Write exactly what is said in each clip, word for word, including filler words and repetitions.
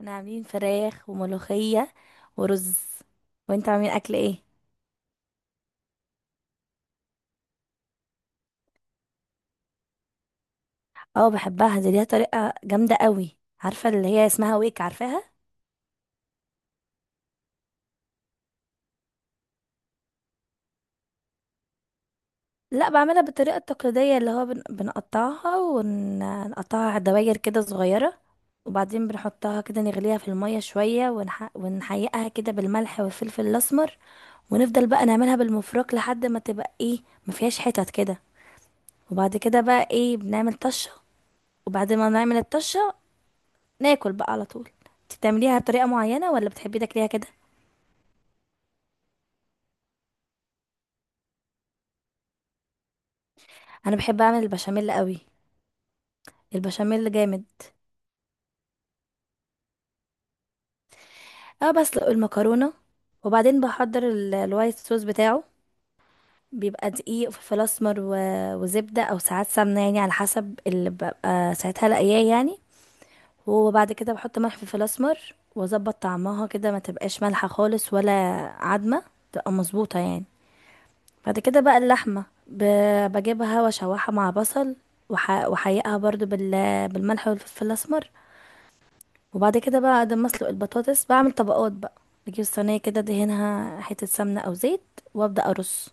احنا عاملين فراخ وملوخية ورز. وانت عاملين اكل ايه؟ اه بحبها، دي ليها طريقة جامدة قوي، عارفة اللي هي اسمها ويك، عارفاها؟ لا، بعملها بالطريقة التقليدية، اللي هو بن... بنقطعها ونقطعها دواير كده صغيرة، وبعدين بنحطها كده، نغليها في المية شوية ونح... ونحيقها كده بالملح والفلفل الأسمر، ونفضل بقى نعملها بالمفرك لحد ما تبقى ايه، ما فيهاش حتت كده. وبعد كده بقى ايه، بنعمل طشة، وبعد ما نعمل الطشة ناكل بقى على طول. انت بتعمليها بطريقه معينه ولا بتحبي تاكليها كده؟ انا بحب اعمل البشاميل قوي، البشاميل جامد. اه، بسلق المكرونه، وبعدين بحضر ال- الوايت صوص بتاعه، بيبقى دقيق وفلفل اسمر و- وزبده او ساعات سمنه، يعني على حسب اللي ببقى ساعتها لاقياه يعني. وبعد كده بحط ملح وفلفل اسمر واظبط طعمها كده، ما تبقاش مالحه خالص ولا عدمه، تبقى مظبوطه يعني. بعد كده بقى اللحمة ب- بجيبها واشوحها مع بصل، وح- وحيقها برضو بال- بالملح والفلفل الأسمر. وبعد كده بقى، بعد ما أسلق البطاطس، بعمل طبقات بقى. بجيب صينية كده، دهنها حتة سمنة أو زيت، وأبدأ أرص.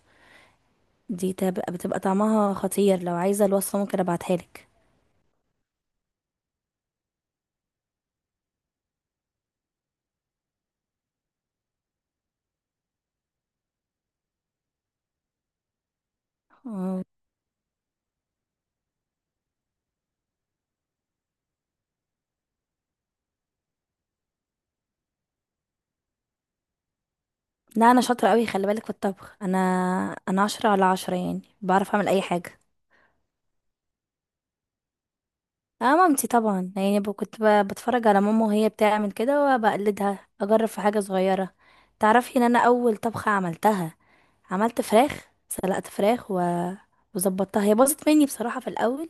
دي تب- بتبقى طعمها خطير، لو عايزة الوصفة ممكن أبعتها لك. آه. لا، أنا شاطرة أوي، خلي بالك، في الطبخ أنا، أنا عشرة على عشرة، يعني بعرف أعمل أي حاجة. اه، مامتي طبعا، يعني ب- كنت ب- بتفرج على ماما وهي بتعمل كده وبقلدها، اجرب في حاجه صغيره. تعرفي ان انا اول طبخه عملتها، عملت فراخ، سلقت فراخ و- وظبطتها، هي باظت مني بصراحه في الاول،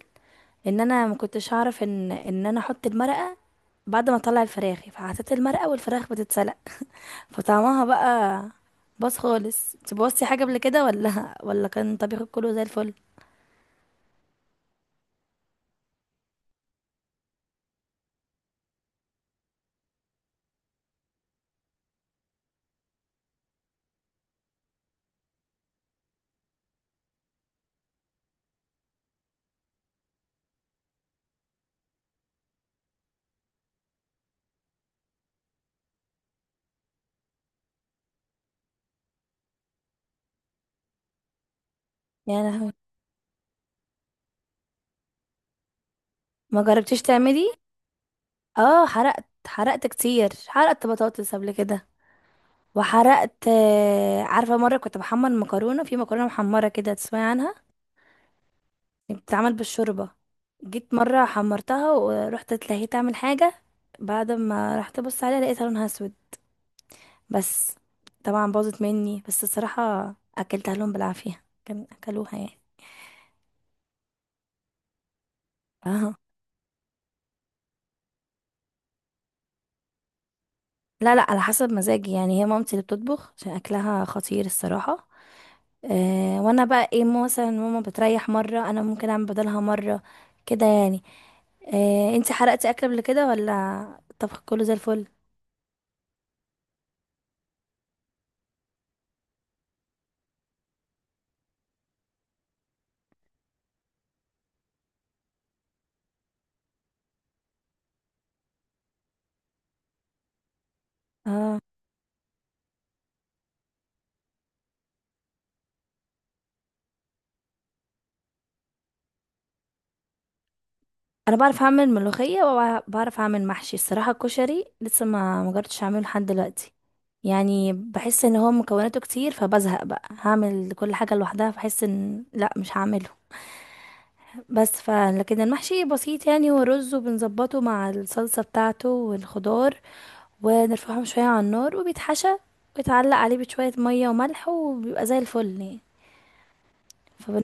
ان انا ما كنتش اعرف ان ان انا احط المرقه بعد ما اطلع الفراخ، فحطيت المرقه والفراخ بتتسلق، فطعمها بقى باظ خالص. انت بوظتي حاجه قبل كده ولا ولا كان طبيخك كله زي الفل يعني؟ ما جربتيش تعملي؟ اه، حرقت، حرقت كتير، حرقت بطاطس قبل كده، وحرقت آه، عارفة مرة كنت بحمر مكرونة، في مكرونة محمرة كده، تسمعي عنها؟ بتتعمل بالشوربة. جيت مرة حمرتها ورحت اتلهيت اعمل حاجة، بعد ما رحت ابص عليها لقيتها لونها اسود، بس. طبعا باظت مني، بس الصراحة اكلتها لهم بالعافية، كان اكلوها يعني. اه. لا لا، على حسب مزاجي، يعني هي مامتي اللي بتطبخ عشان اكلها خطير الصراحة. أه، وانا بقى ايه، ماما مثلا، ماما بتريح مرة، انا ممكن اعمل بدلها مرة، كده يعني. أه، انتي حرقتي اكل قبل كده ولا الطبخ كله زي الفل؟ اه، انا بعرف اعمل ملوخية وبعرف اعمل محشي، الصراحة الكشري لسه ما مجربتش اعمله لحد دلوقتي، يعني بحس ان هو مكوناته كتير فبزهق بقى هعمل كل حاجة لوحدها، فبحس ان لا، مش هعمله. بس ف لكن المحشي بسيط، يعني ورز، وبنظبطه مع الصلصة بتاعته والخضار، ونرفعهم شوية على النار، وبيتحشى ويتعلق عليه بشوية مية وملح، وبيبقى زي الفل يعني. فبن-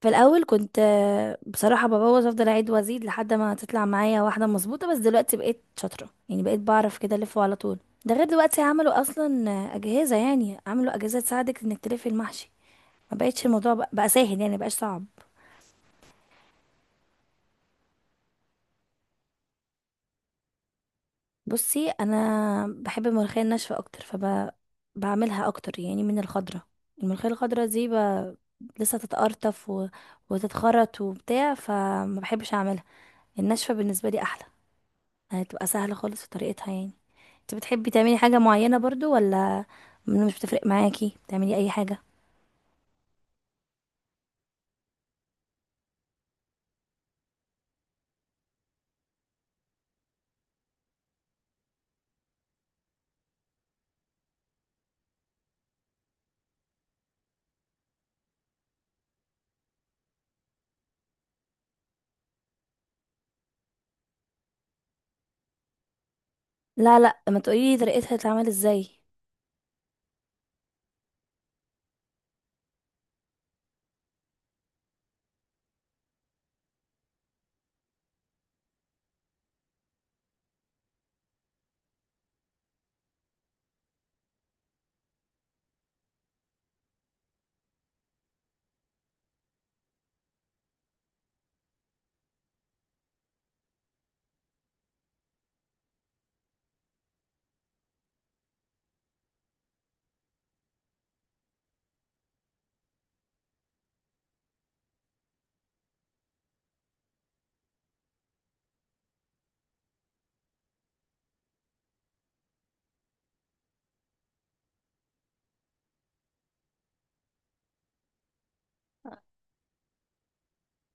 في الأول كنت آه، بصراحة ببوظ، أفضل أعيد وأزيد لحد ما تطلع معايا واحدة مظبوطة، بس دلوقتي بقيت شاطرة، يعني بقيت بعرف كده ألفه على طول. ده غير دلوقتي عملوا أصلا آه، أجهزة، يعني عملوا أجهزة تساعدك إنك تلفي المحشي، ما بقتش الموضوع بقى، بقى سهل يعني، مبقاش صعب. بصي انا بحب الملوخيه الناشفه اكتر، فبعملها اكتر يعني من الخضره. الملوخيه الخضره دي ب... لسه تتقرطف و... وتتخرط وبتاع، فما بحبش اعملها. الناشفه بالنسبه لي احلى، هتبقى سهله خالص في طريقتها يعني. انت بتحبي تعملي حاجه معينه برضو ولا مش بتفرق معاكي تعملي اي حاجه؟ لا لا، ما تقولي لي طريقتها تتعمل ازاي.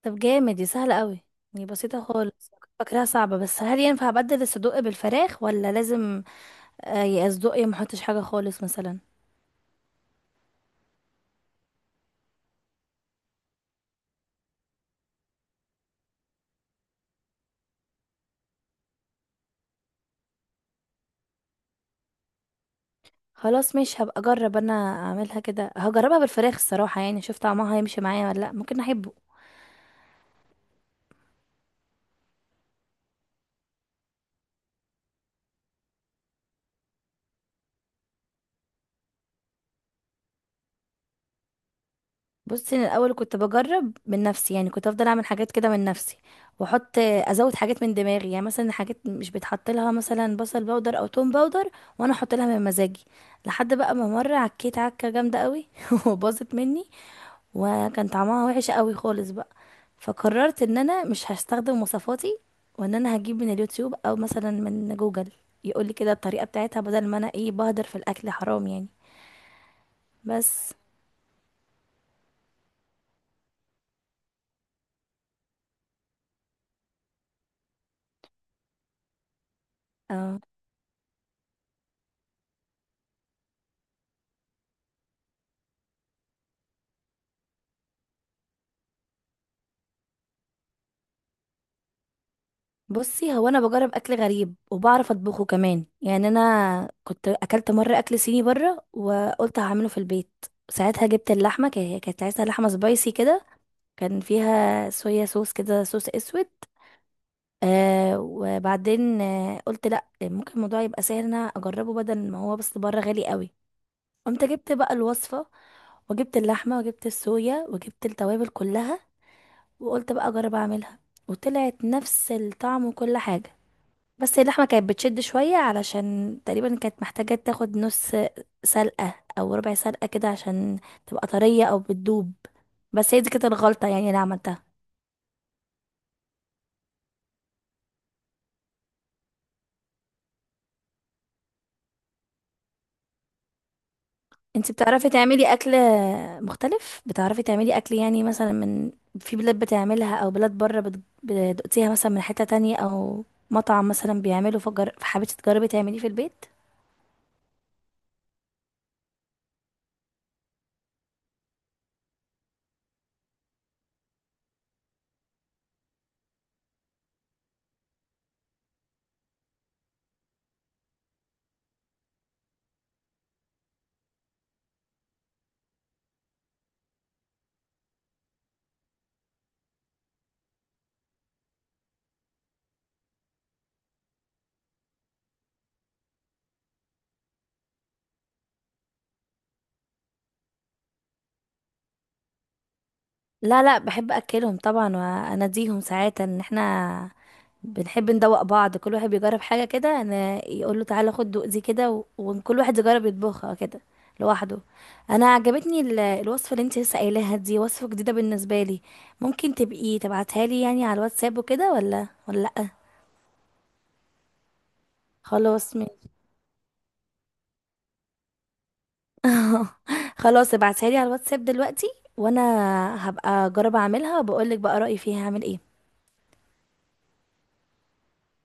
طب جامد، دي سهله قوي، دي بسيطه خالص، كنت فاكراها صعبه. بس هل ينفع ابدل الصدق بالفراخ ولا لازم آه، يا اصدقائي ما احطش حاجه خالص مثلا؟ خلاص مش هبقى اجرب، انا اعملها كده، هجربها بالفراخ الصراحه، يعني اشوف طعمها هيمشي معايا ولا لا، ممكن احبه. بصي انا الاول كنت بجرب من نفسي، يعني كنت افضل اعمل حاجات كده من نفسي، واحط ازود حاجات من دماغي، يعني مثلا حاجات مش بيتحط لها مثلا بصل باودر او توم باودر، وانا احط لها من مزاجي. لحد بقى ما مره عكيت عكه جامده قوي وباظت مني، وكان طعمها وحش قوي خالص بقى. فقررت ان انا مش هستخدم وصفاتي، وان انا هجيب من اليوتيوب او مثلا من جوجل، يقولي كده الطريقه بتاعتها، بدل ما انا ايه بهدر في الاكل حرام يعني. بس اه، بصي هو انا بجرب اكل غريب وبعرف اطبخه كمان، يعني انا كنت اكلت مره اكل صيني بره وقلت هعمله في البيت. ساعتها جبت اللحمه، كا- كانت عايزه لحمه سبايسي كده، كان فيها صويا صوص كده، صوص اسود. آه، وبعدين آه قلت لا، ممكن الموضوع يبقى سهل إن انا اجربه، بدل ما هو بس بره غالي قوي. قمت جبت بقى الوصفة، وجبت اللحمة وجبت الصويا وجبت التوابل كلها، وقلت بقى اجرب اعملها، وطلعت نفس الطعم وكل حاجة. بس اللحمة كانت بتشد شوية، علشان تقريبا كانت محتاجة تاخد نص سلقة او ربع سلقة كده، عشان تبقى طرية او بتدوب. بس هي دي كانت الغلطة يعني اللي عملتها. انت بتعرفي تعملي اكل مختلف، بتعرفي تعملي اكل يعني مثلا من، في بلاد بتعملها او بلاد بره بت- بتدوقتيها مثلا من حتة تانية، او مطعم مثلا بيعمله فجر، فحبيتي تجربي تعمليه في البيت؟ لا لا، بحب اكلهم طبعا، واناديهم ساعات ان احنا بنحب ندوق بعض، كل واحد بيجرب حاجه كده انا، يقول له تعالى خد دوق دي كده و- وكل واحد يجرب يطبخها كده لوحده. انا عجبتني ال- الوصفه اللي انت لسه قايلاها، دي وصفه جديده بالنسبه لي، ممكن تبقي تبعتها لي يعني على الواتساب وكده ولا ولا لا؟ خلاص ماشي. خلاص ابعتها لي على الواتساب دلوقتي، وانا هبقى اجرب اعملها وبقول لك بقى رايي فيها، هعمل ايه.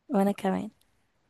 وانا كمان.